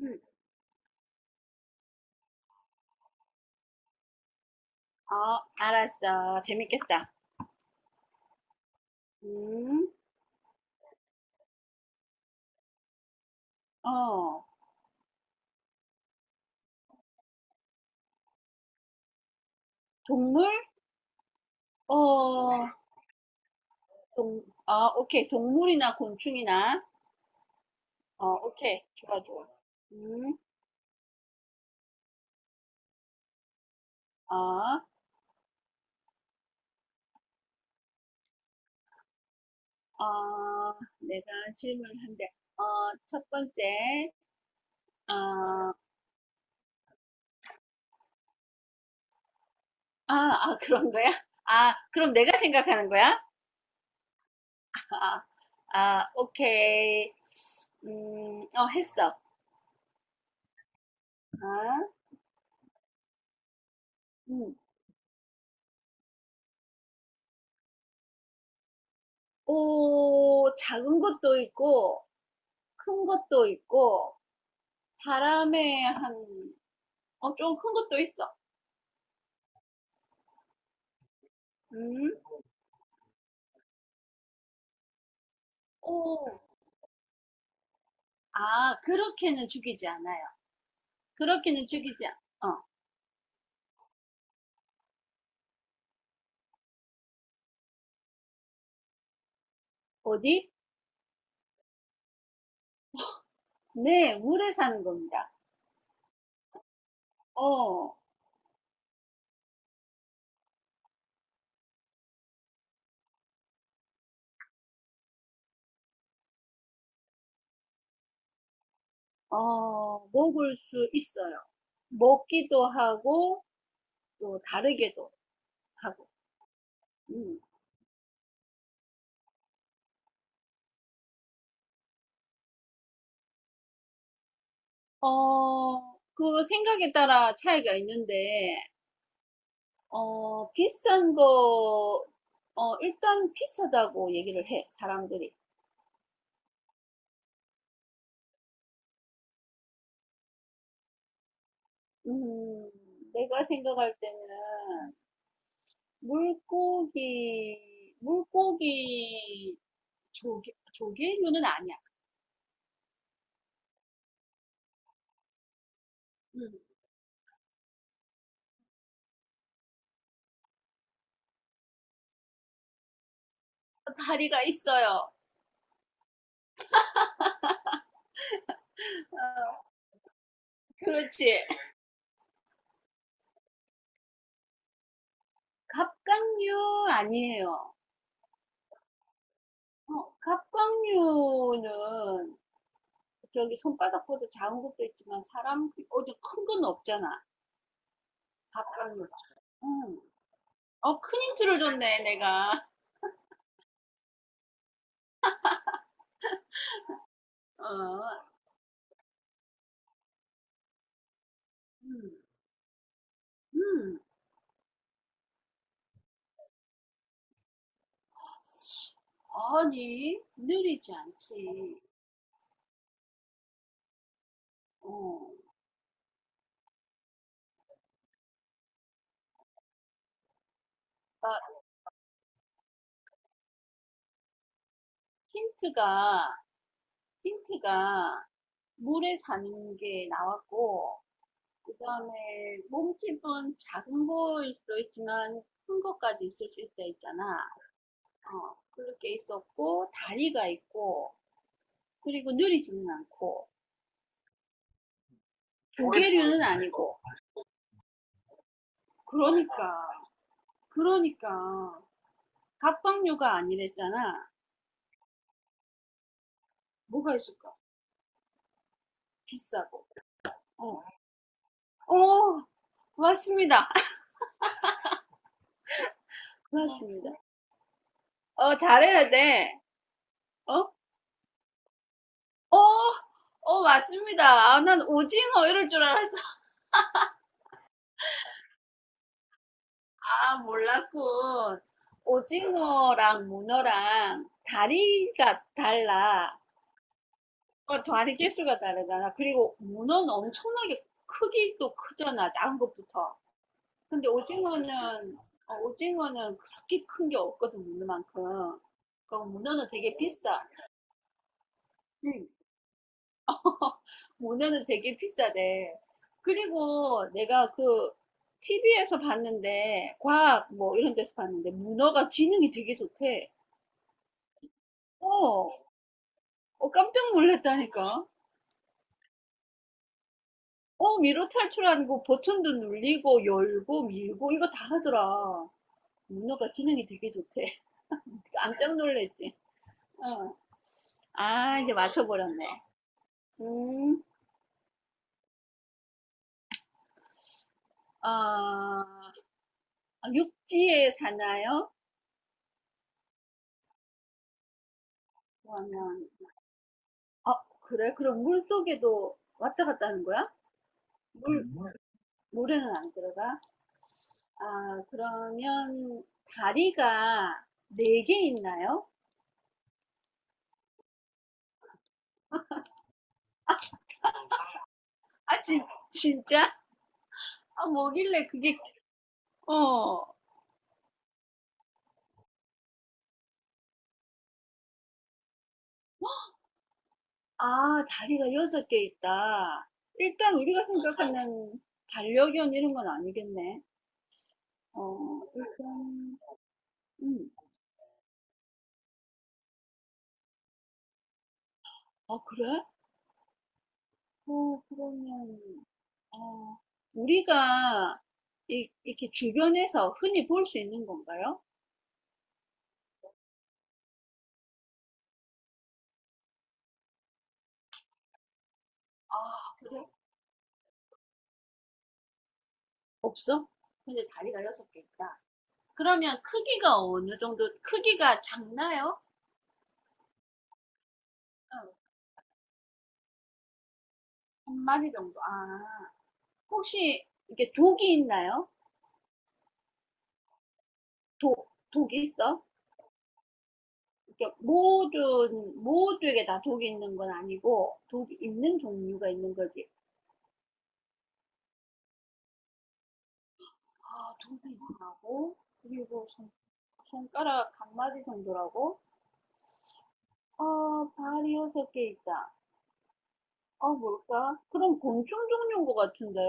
음, 알았어. 재밌겠다. 음, 어, 동물? 어, 오케이. 동물이나 곤충이나. 오케이. 좋아, 좋아. 음, 어, 내가 질문을 한대. 어, 첫 번째. 어, 아, 그런 거야? 아, 그럼 내가 생각하는 거야? 아, 오케이. 했어. 아, 음. 오, 작은 것도 있고, 큰 것도 있고, 사람의 한, 좀 큰 것도 있어. 음? 오, 아, 그렇게는 죽이지 않아요. 그렇게는 죽이지 않, 어, 어디? 네, 물에 사는 겁니다. 어, 먹을 수 있어요. 먹기도 하고, 또 다르게도 하고. 음. 어, 그 생각에 따라 차이가 있는데, 어, 비싼 거, 일단 비싸다고 얘기를 해, 사람들이. 음, 내가 생각할 때는 물고기, 물고기 조개류는 아니야. 음. 다리가 있어요. 어, 그렇지. 갑각류 아니에요. 어, 갑각류는 저기 손바닥보다 작은 것도 있지만 사람 어디 큰 건 없잖아. 갑각류가. 응. 어, 큰 힌트를 줬네, 내가. 어, 음, 음. 아니, 느리지 않지. 어, 나 힌트가, 힌트가 물에 사는 게 나왔고, 그 다음에 몸집은 작은 거일 수도 있지만 큰 것까지 있을 수 있다 했잖아. 어, 그렇게 있었고, 다리가 있고, 그리고 느리지는 않고, 조개류는 아니고. 그러니까, 그러니까. 갑각류가 아니랬잖아. 뭐가 있을까? 비싸고. 어, 어, 맞습니다. 맞습니다. 어, 잘해야 돼. 어? 어? 어, 맞습니다. 아, 난 오징어 이럴 줄 알았어. 아, 몰랐군. 오징어랑 문어랑 다리가 달라. 어, 다리 개수가 다르잖아. 그리고 문어는 엄청나게 크기도 크잖아. 작은 것부터. 근데 오징어는, 오징어는 그렇게 큰 게 없거든, 문어만큼. 그 문어는 되게 비싸. 응. 모노는 되게 비싸대. 그리고 내가 그 TV에서 봤는데, 과학 뭐 이런 데서 봤는데, 문어가 지능이 되게 좋대. 어, 깜짝 놀랐다니까. 어, 미로 탈출하는 거 버튼도 눌리고, 열고, 밀고, 이거 다 하더라. 문어가 지능이 되게 좋대. 깜짝 놀랬지. 어. 아, 이제 맞춰버렸네. 음, 아, 육지에 사나요? 그러 아, 그래? 그럼 물 속에도 왔다 갔다 하는 거야? 물, 모래는 안 들어가? 아, 그러면 다리가 네 개 있나요? 아, 진짜? 아, 뭐길래 그게, 어. 아, 다리가 여섯 개 있다. 일단 우리가 생각하는 반려견 이런 건 아니겠네. 어, 일단, 음. 아, 그래? 어, 그러면, 어, 우리가 이렇게 주변에서 흔히 볼 수 있는 건가요? 아, 그래? 없어? 근데 다리가 여섯 개 있다. 그러면 크기가 어느 정도, 크기가 작나요? 응. 한 마리 정도. 아, 혹시 이게 독이 있나요? 독이 있어? 이렇게 모두에게 다 독이 있는 건 아니고, 독이 있는 종류가 있는 거지. 아, 독이 있다고? 그리고 손, 손가락 한 마리 정도라고? 아, 발이 여섯 개 있다. 아, 뭘까? 그럼 곤충 종류인 것 같은데?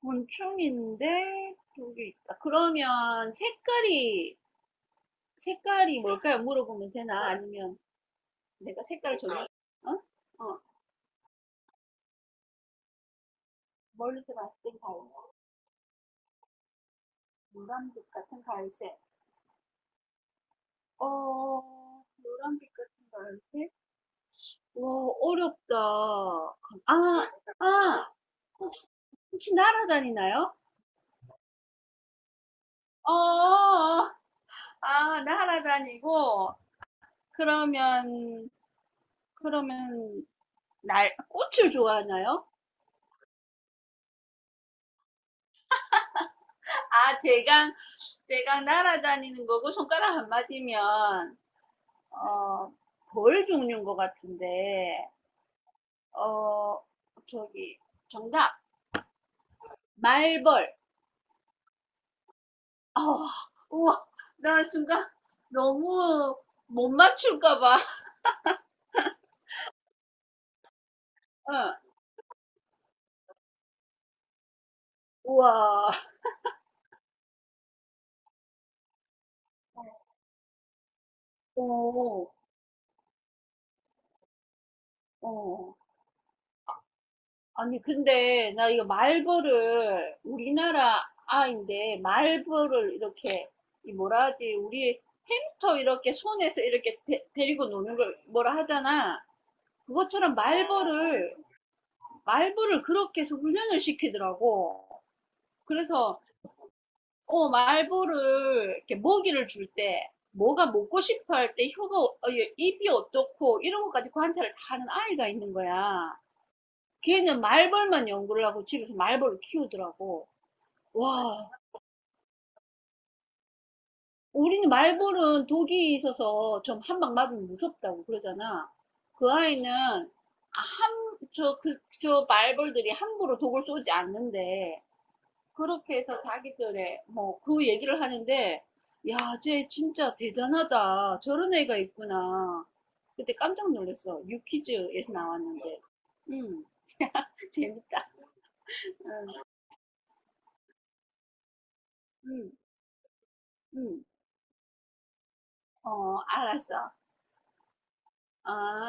곤충인데 여기 있다. 그러면 색깔이 뭘까요? 물어보면 되나? 아니면 내가 색깔을 정해? 어? 어. 멀리서 봤을 땐 갈색, 노란빛 같은 갈색. 어, 노란빛 같은 갈색? 와, 어렵다. 아, 아, 혹시 혹시 날아다니나요? 어, 어, 어. 아, 날아다니고 그러면 그러면 날 꽃을 좋아하나요? 아, 대강, 대강 날아다니는 거고 손가락 한 마디면, 어, 벌 종류인 것 같은데, 어, 저기, 정답. 말벌. 어, 우와, 나 순간 너무 못 맞출까 봐. 응. 우와. 어, 어. 아니, 근데 나 이거 말벌을 우리나라 아인데 말벌을 이렇게 이 뭐라 하지? 우리 햄스터 이렇게 손에서 이렇게 데, 리고 노는 걸 뭐라 하잖아. 그것처럼 말벌을 말벌을 그렇게 해서 훈련을 시키더라고. 그래서 어 말벌을 이렇게 먹이를 줄 때 뭐가 먹고 싶어 할 때 입이 어떻고 이런 것까지 관찰을 다 하는 아이가 있는 거야. 걔는 말벌만 연구를 하고 집에서 말벌을 키우더라고. 와, 우리는 말벌은 독이 있어서 좀 한 방 맞으면 무섭다고 그러잖아. 그 아이는 아, 저, 그, 저 말벌들이 함부로 독을 쏘지 않는데, 그렇게 해서 자기들의, 뭐, 그 얘기를 하는데, 야, 쟤 진짜 대단하다. 저런 애가 있구나. 그때 깜짝 놀랐어. 유퀴즈에서 나왔는데. 음, 재밌다. 응, 응, 응. 어, 알았어. 아.